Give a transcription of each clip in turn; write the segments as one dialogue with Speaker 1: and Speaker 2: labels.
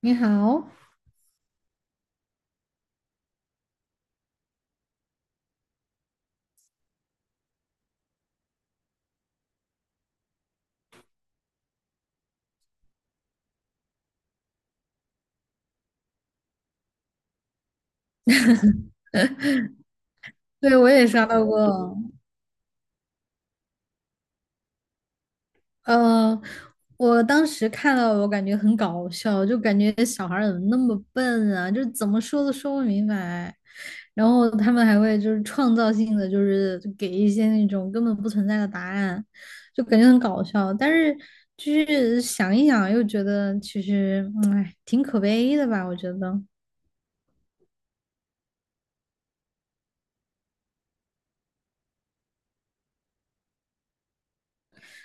Speaker 1: 你好，对，我也刷到过。呃，我当时看到，我感觉很搞笑，就感觉小孩儿怎么那么笨啊，就是怎么说都说不明白。然后他们还会就是创造性的，就是给一些那种根本不存在的答案，就感觉很搞笑。但是就是想一想，又觉得其实，挺可悲的吧？我觉得。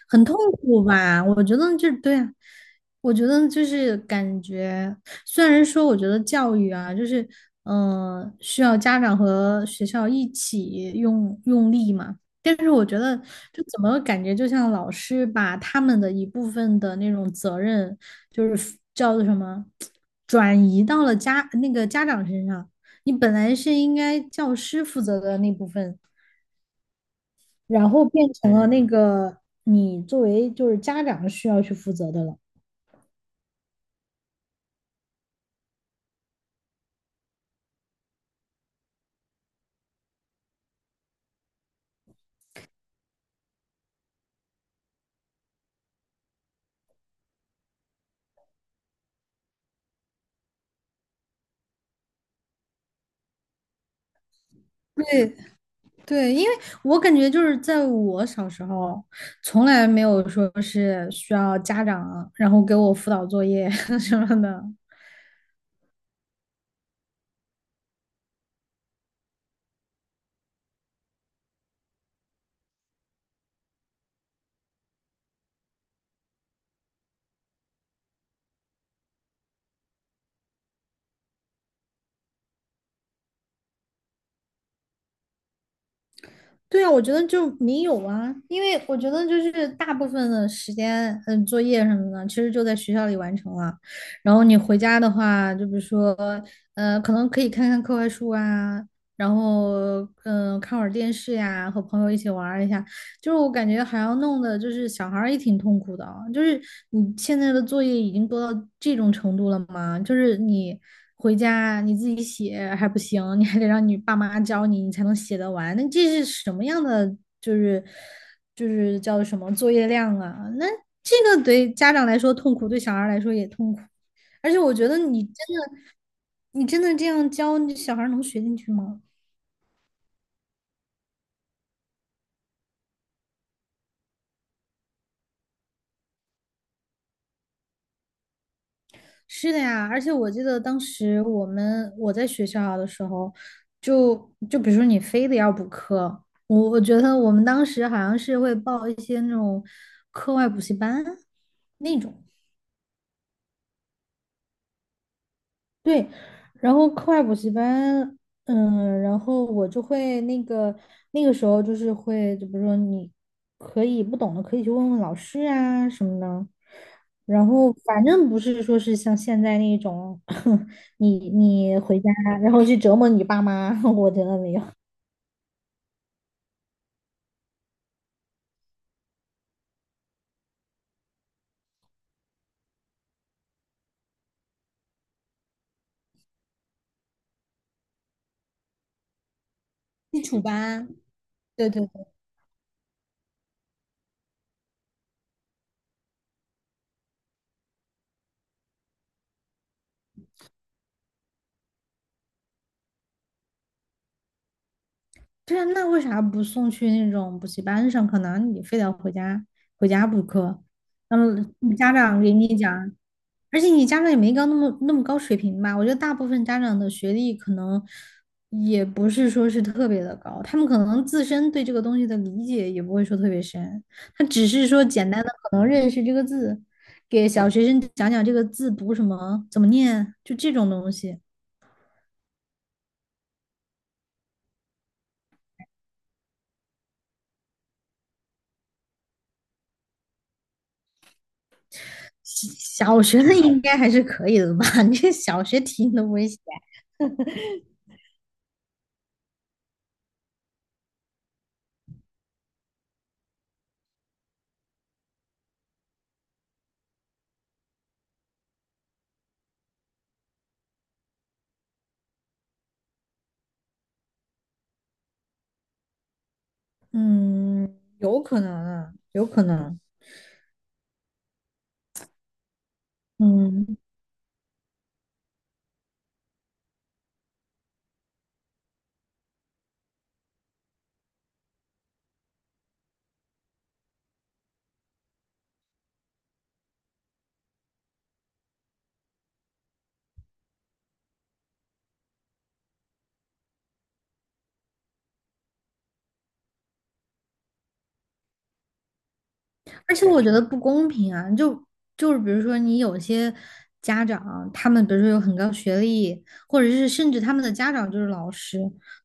Speaker 1: 很痛苦吧？我觉得就是对啊，我觉得就是感觉，虽然说我觉得教育啊，就是需要家长和学校一起用用力嘛，但是我觉得就怎么感觉就像老师把他们的一部分的那种责任，就是叫做什么，转移到了那个家长身上。你本来是应该教师负责的那部分，然后变成了那个你作为就是家长需要去负责的了。对对，因为我感觉就是在我小时候，从来没有说是需要家长然后给我辅导作业 什么的。对啊，我觉得就没有啊，因为我觉得就是大部分的时间，嗯，作业什么的，其实就在学校里完成了。然后你回家的话，就比如说，可能可以看看课外书啊，然后，看会儿电视呀，和朋友一起玩儿一下。就是我感觉还要弄的，就是小孩儿也挺痛苦的啊，就是你现在的作业已经多到这种程度了吗？就是你回家你自己写还不行，你还得让你爸妈教你，你才能写得完。那这是什么样的？就是就是叫什么作业量啊？那这个对家长来说痛苦，对小孩儿来说也痛苦。而且我觉得你真的，你真的这样教，你小孩儿能学进去吗？是的呀，而且我记得当时我在学校的时候，就就比如说你非得要补课，我觉得我们当时好像是会报一些那种课外补习班那种。对，然后课外补习班，嗯，然后我就会那个时候就是会，就比如说你可以不懂的可以去问问老师啊什么的，然后反正不是说是像现在那种，你回家然后去折磨你爸妈，我觉得没有。基础班。对对啊，那为啥不送去那种补习班上课呢？你非得回家补课，然后家长给你讲。而且你家长也没高那么高水平吧？我觉得大部分家长的学历可能也不是说是特别的高，他们可能自身对这个东西的理解也不会说特别深，他只是说简单的可能认识这个字，给小学生讲讲这个字读什么，怎么念，就这种东西。小学的应该还是可以的吧？你这小学题你都不会写？嗯，有可能啊，有可能。嗯。而且我觉得不公平啊，就就是比如说你有些家长，他们比如说有很高学历，或者是甚至他们的家长就是老师，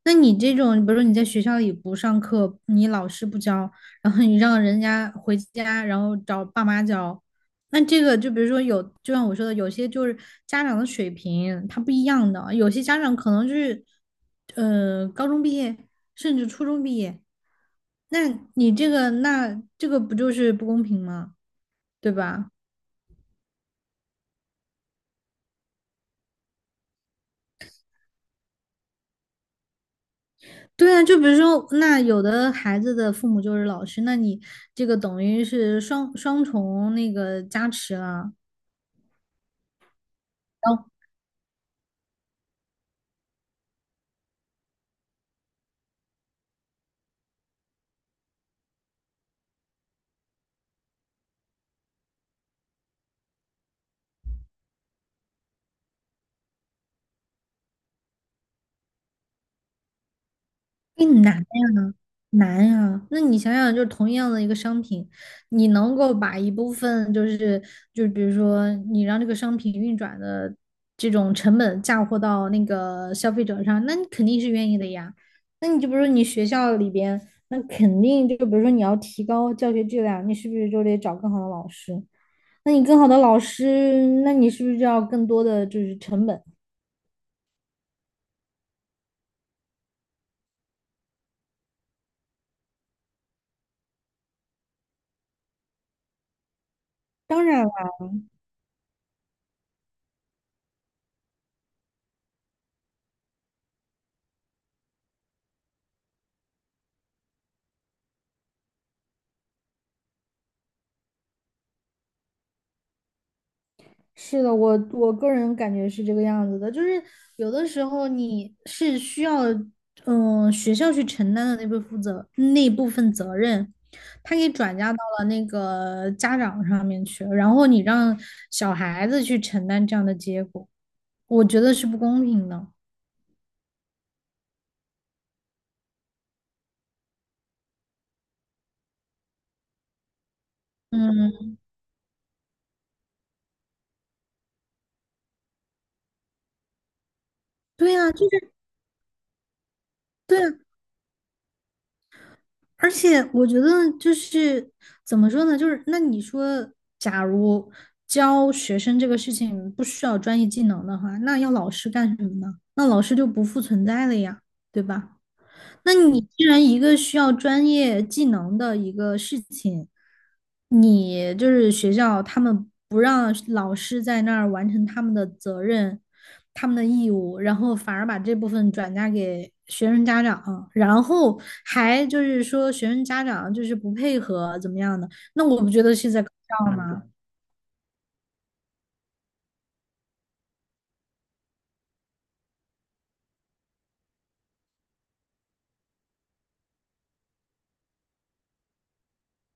Speaker 1: 那你这种，比如说你在学校里不上课，你老师不教，然后你让人家回家，然后找爸妈教，那这个就比如说有，就像我说的，有些就是家长的水平他不一样的，有些家长可能就是高中毕业，甚至初中毕业。那你这个，那这个不就是不公平吗？对吧？对啊，就比如说，那有的孩子的父母就是老师，那你这个等于是双重那个加持了，然后更难难呀。那你想想，就是同样的一个商品，你能够把一部分就是就比如说你让这个商品运转的这种成本嫁祸到那个消费者上，那你肯定是愿意的呀。那你就比如说你学校里边，那肯定就比如说你要提高教学质量，你是不是就得找更好的老师？那你更好的老师，那你是不是就要更多的就是成本？当然了，是的，我个人感觉是这个样子的，就是有的时候你是需要，学校去承担的那部分责任，他给转嫁到了那个家长上面去，然后你让小孩子去承担这样的结果，我觉得是不公平的。嗯，对呀，就是对呀，而且我觉得就是怎么说呢，就是那你说，假如教学生这个事情不需要专业技能的话，那要老师干什么呢？那老师就不复存在了呀，对吧？那你既然一个需要专业技能的一个事情，你就是学校他们不让老师在那儿完成他们的责任、他们的义务，然后反而把这部分转嫁给学生家长，然后还就是说学生家长就是不配合怎么样的，那我不觉得是在搞笑吗？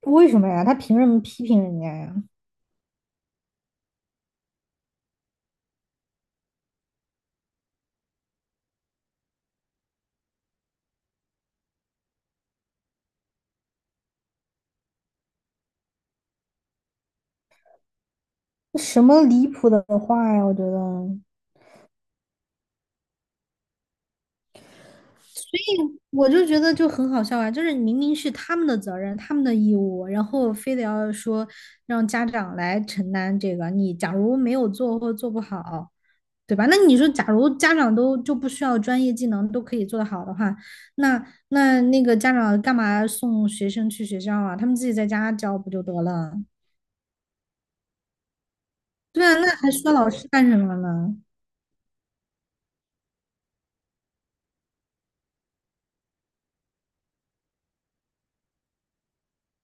Speaker 1: 为什么呀？他凭什么批评人家呀？什么离谱的话呀？我觉得。所以我就觉得就很好笑啊，就是明明是他们的责任、他们的义务，然后非得要说让家长来承担这个。你假如没有做或做不好，对吧？那你说，假如家长都就不需要专业技能都可以做得好的话，那那个家长干嘛送学生去学校啊？他们自己在家教不就得了？对啊，那还需要老师干什么呢？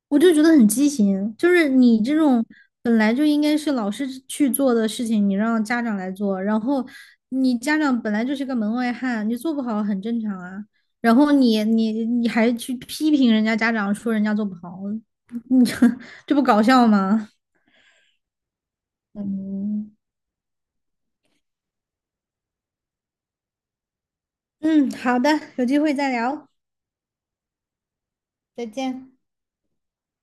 Speaker 1: 我就觉得很畸形，就是你这种本来就应该是老师去做的事情，你让家长来做，然后你家长本来就是个门外汉，你做不好很正常啊。然后你还去批评人家家长，说人家做不好，这不搞笑吗？嗯，嗯，好的，有机会再聊，再见。